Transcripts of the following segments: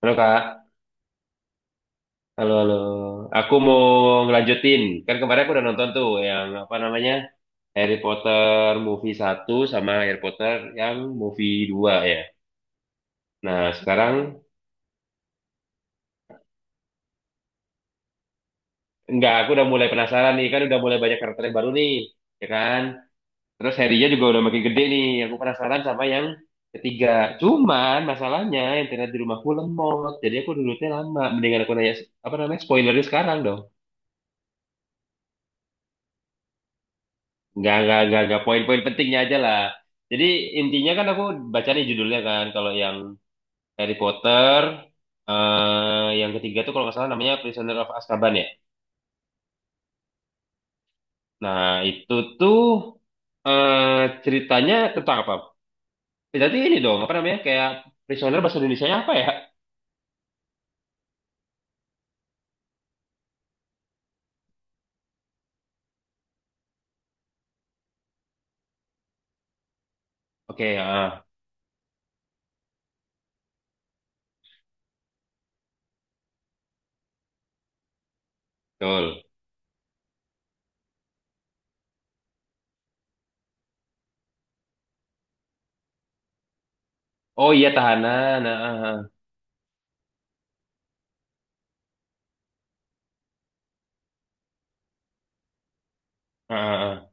Halo, Kak, halo halo. Aku mau ngelanjutin. Kan kemarin aku udah nonton tuh yang apa namanya? Harry Potter movie satu sama Harry Potter yang movie dua ya. Nah, sekarang enggak, aku udah mulai penasaran nih, kan udah mulai banyak karakter yang baru nih, ya kan? Terus Harry-nya juga udah makin gede nih. Aku penasaran sama yang ketiga. Cuman masalahnya internet di rumahku lemot. Jadi aku dulunya lama. Mendingan aku nanya apa namanya? Spoilernya sekarang dong. Nggak, nggak. Poin-poin pentingnya aja lah. Jadi intinya kan aku baca nih judulnya kan. Kalau yang Harry Potter, eh, yang ketiga tuh kalau nggak salah namanya Prisoner of Azkaban ya. Nah, itu tuh eh ceritanya tentang apa? Berarti ini dong, apa namanya? Kayak Prisoner bahasa Indonesia apa ya? Oke, ah, betul. Oh iya, tahanan. Ah, ah, ah, ah, ah. Ah.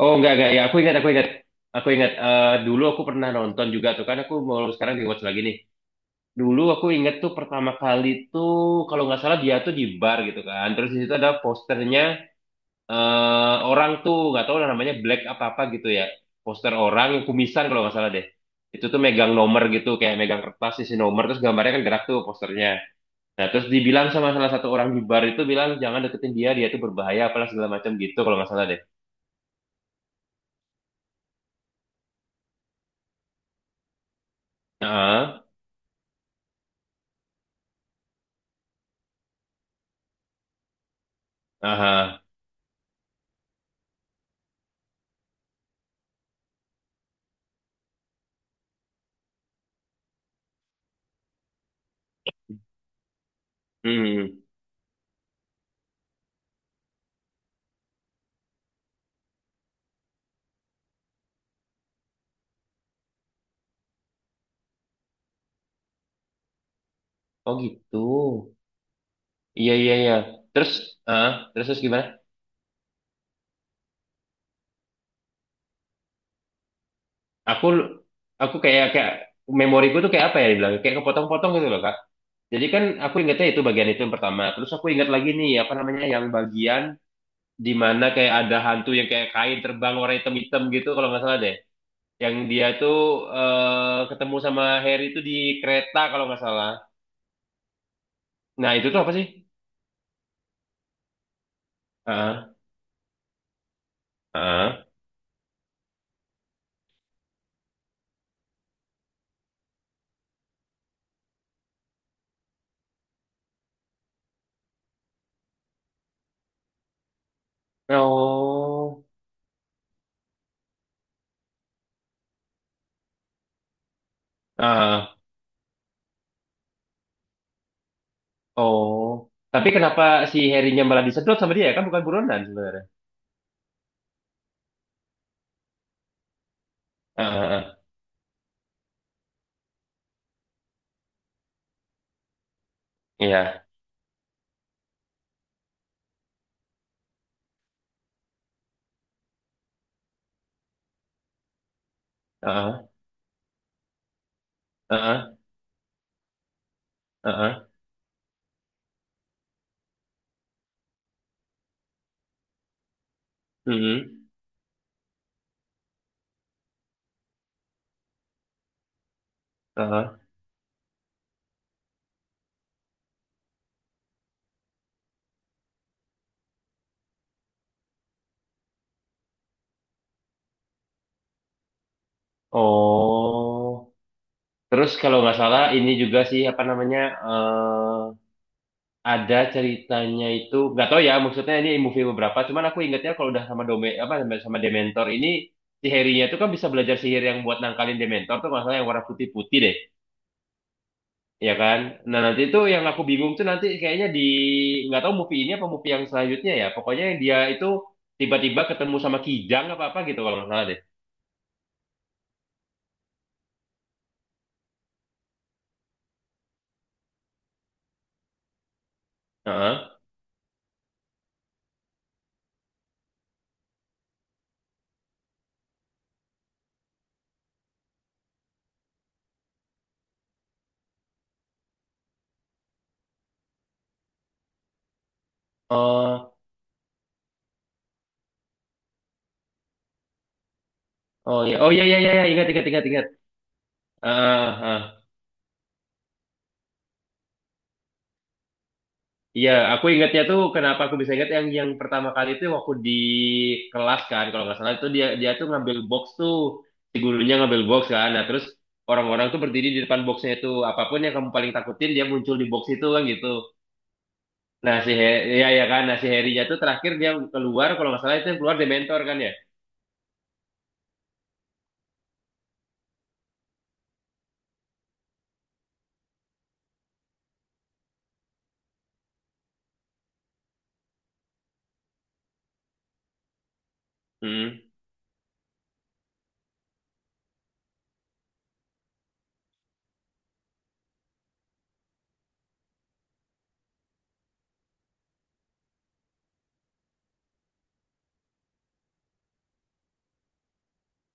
Oh enggak, enggak. Ya, aku ingat, aku ingat. Aku ingat, dulu aku pernah nonton juga tuh kan aku mau sekarang di watch lagi nih. Dulu aku inget tuh pertama kali tuh kalau nggak salah dia tuh di bar gitu kan. Terus di situ ada posternya, orang tuh nggak tahu namanya Black apa apa gitu ya. Poster orang yang kumisan kalau nggak salah deh. Itu tuh megang nomor gitu kayak megang kertas isi nomor terus gambarnya kan gerak tuh posternya. Nah, terus dibilang sama salah satu orang di bar itu bilang jangan deketin dia, dia tuh berbahaya apalah segala macam gitu kalau nggak salah deh. Heeh. Aha. Hmm. Hmm, hmm. Oh gitu. Iya, iya, iya. Terus, terus gimana? aku aku kayak kayak memoriku tuh kayak apa ya dibilang kayak kepotong-potong gitu loh, Kak. Jadi kan aku ingatnya itu bagian itu yang pertama. Terus aku ingat lagi nih apa namanya yang bagian di mana kayak ada hantu yang kayak kain terbang warna hitam-hitam gitu kalau nggak salah deh. Yang dia tuh, ketemu sama Harry itu di kereta kalau nggak salah. Nah, itu tuh apa sih? Ah, ah, oh, ah, oh. Tapi kenapa si Harry-nya malah disedot sama dia, ya? Kan bukan buronan sebenarnya. Ah, ah, ah. Iya. Ah, ah. Ah. Heeh, mhm, heeh. Oh, terus kalau nggak salah ini juga sih apa namanya, eh ada ceritanya itu nggak tahu ya maksudnya ini movie beberapa. Cuman aku ingatnya kalau udah sama Dome apa sama Dementor ini, si Harry-nya itu kan bisa belajar sihir yang buat nangkalin Dementor tuh nggak salah yang warna putih-putih deh, ya kan? Nah, nanti itu yang aku bingung tuh nanti kayaknya di nggak tahu movie ini apa movie yang selanjutnya ya. Pokoknya yang dia itu tiba-tiba ketemu sama Kijang apa apa gitu kalau nggak salah deh. Heeh. Oh ya, oh ya, ya, ya, ya. Ingat, ingat, ingat, ingat. Ah, ah. Iya, aku ingatnya tuh kenapa aku bisa ingat yang pertama kali itu waktu di kelas kan, kalau nggak salah itu dia dia tuh ngambil box tuh, si gurunya ngambil box kan, nah terus orang-orang tuh berdiri di depan boxnya itu apapun yang kamu paling takutin dia muncul di box itu kan gitu. Nah, ya, ya kan, nah si Harry-nya tuh terakhir dia keluar kalau nggak salah itu yang keluar Dementor kan ya. Hmm,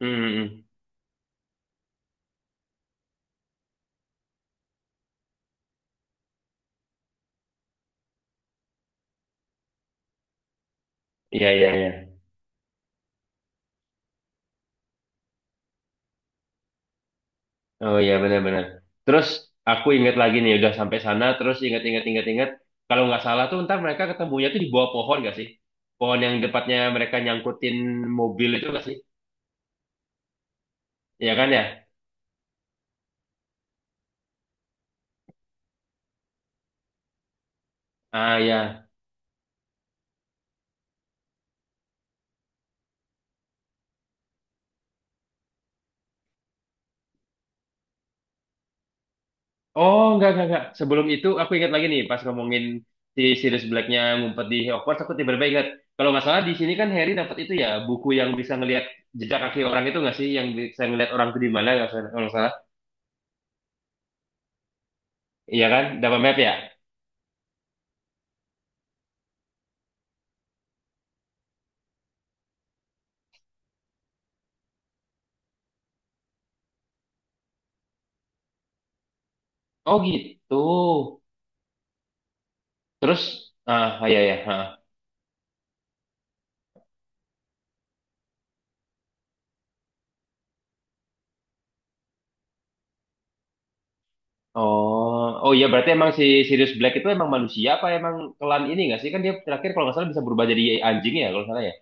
hmm, hmm. Hmm. Iya, iya, iya. Oh iya, benar-benar. Terus aku ingat lagi nih udah sampai sana terus ingat-ingat kalau nggak salah tuh ntar mereka ketemunya tuh di bawah pohon nggak sih? Pohon yang depannya mereka nyangkutin mobil itu nggak sih? Iya kan ya? Ah ya. Oh, nggak, nggak, nggak. Sebelum itu aku ingat lagi nih pas ngomongin si Sirius Blacknya ngumpet di Hogwarts, aku tiba-tiba ingat kalau nggak salah di sini kan Harry dapat itu ya buku yang bisa ngelihat jejak kaki orang itu nggak sih? Yang bisa ngelihat orang itu di mana nggak salah- kalau nggak salah? Iya kan? Dapat map ya? Oh gitu. Terus, ah, ah, ya, ya. Ah. Oh, oh iya, berarti emang si Sirius Black itu emang manusia apa emang kelan ini nggak sih? Kan dia terakhir kalau nggak salah bisa berubah jadi anjing ya kalau nggak salah ya.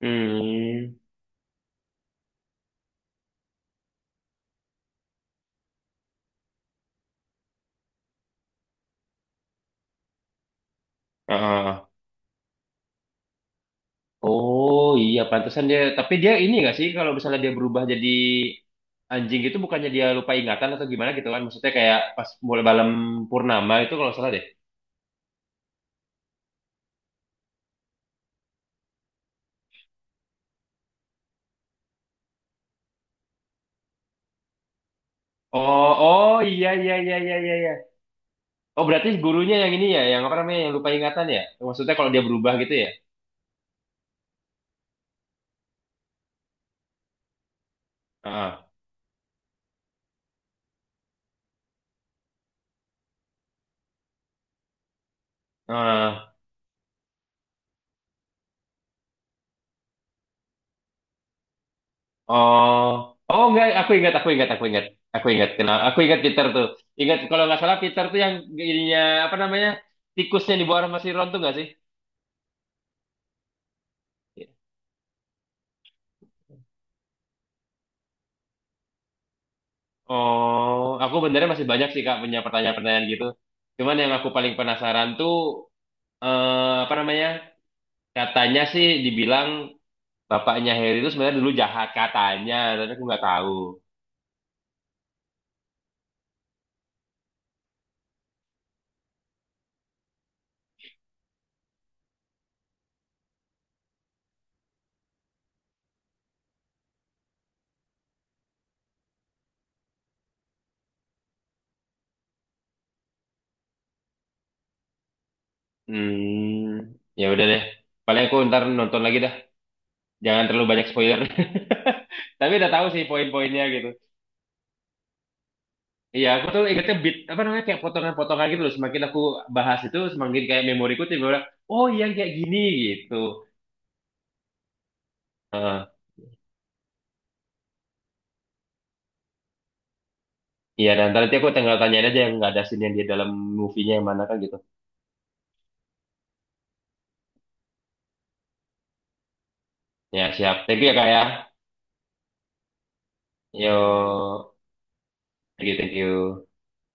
Hmm. Ah. Oh iya pantesan dia. Tapi dia ini nggak sih kalau misalnya dia berubah jadi anjing itu bukannya dia lupa ingatan atau gimana gitu kan? Maksudnya kayak pas mulai malam purnama itu kalau nggak salah deh. Oh, oh iya, iya, iya, iya, iya. Iya. Oh berarti gurunya yang ini ya, yang apa namanya yang lupa ingatan ya? Maksudnya kalau dia berubah gitu ya? Heeh. Oh, oh enggak, aku ingat, aku ingat, aku ingat, aku ingat, kenal, aku ingat Peter tuh, ingat kalau nggak salah Peter tuh yang ininya apa namanya tikusnya di bawah sama si Ron tuh nggak sih? Oh, aku benernya masih banyak sih Kak punya pertanyaan-pertanyaan gitu. Cuman yang aku paling penasaran tuh, apa namanya? Katanya sih dibilang bapaknya Harry itu sebenarnya dulu jahat katanya, tapi aku nggak tahu. Hmm, ya udah deh. Paling aku ntar nonton lagi dah. Jangan terlalu banyak spoiler. Tapi udah tahu sih poin-poinnya gitu. Iya, aku tuh ingetnya bit apa namanya, kayak potongan-potongan gitu loh. Semakin aku bahas itu, semakin kayak memoriku tiba bilang, oh iya kayak gini gitu. Heeh. Iya, dan nanti aku tinggal tanyain aja yang nggak ada scene yang di dalam movie-nya yang mana kan gitu. Ya, siap. Thank you ya, Kak ya. Yo, thank you, thank you.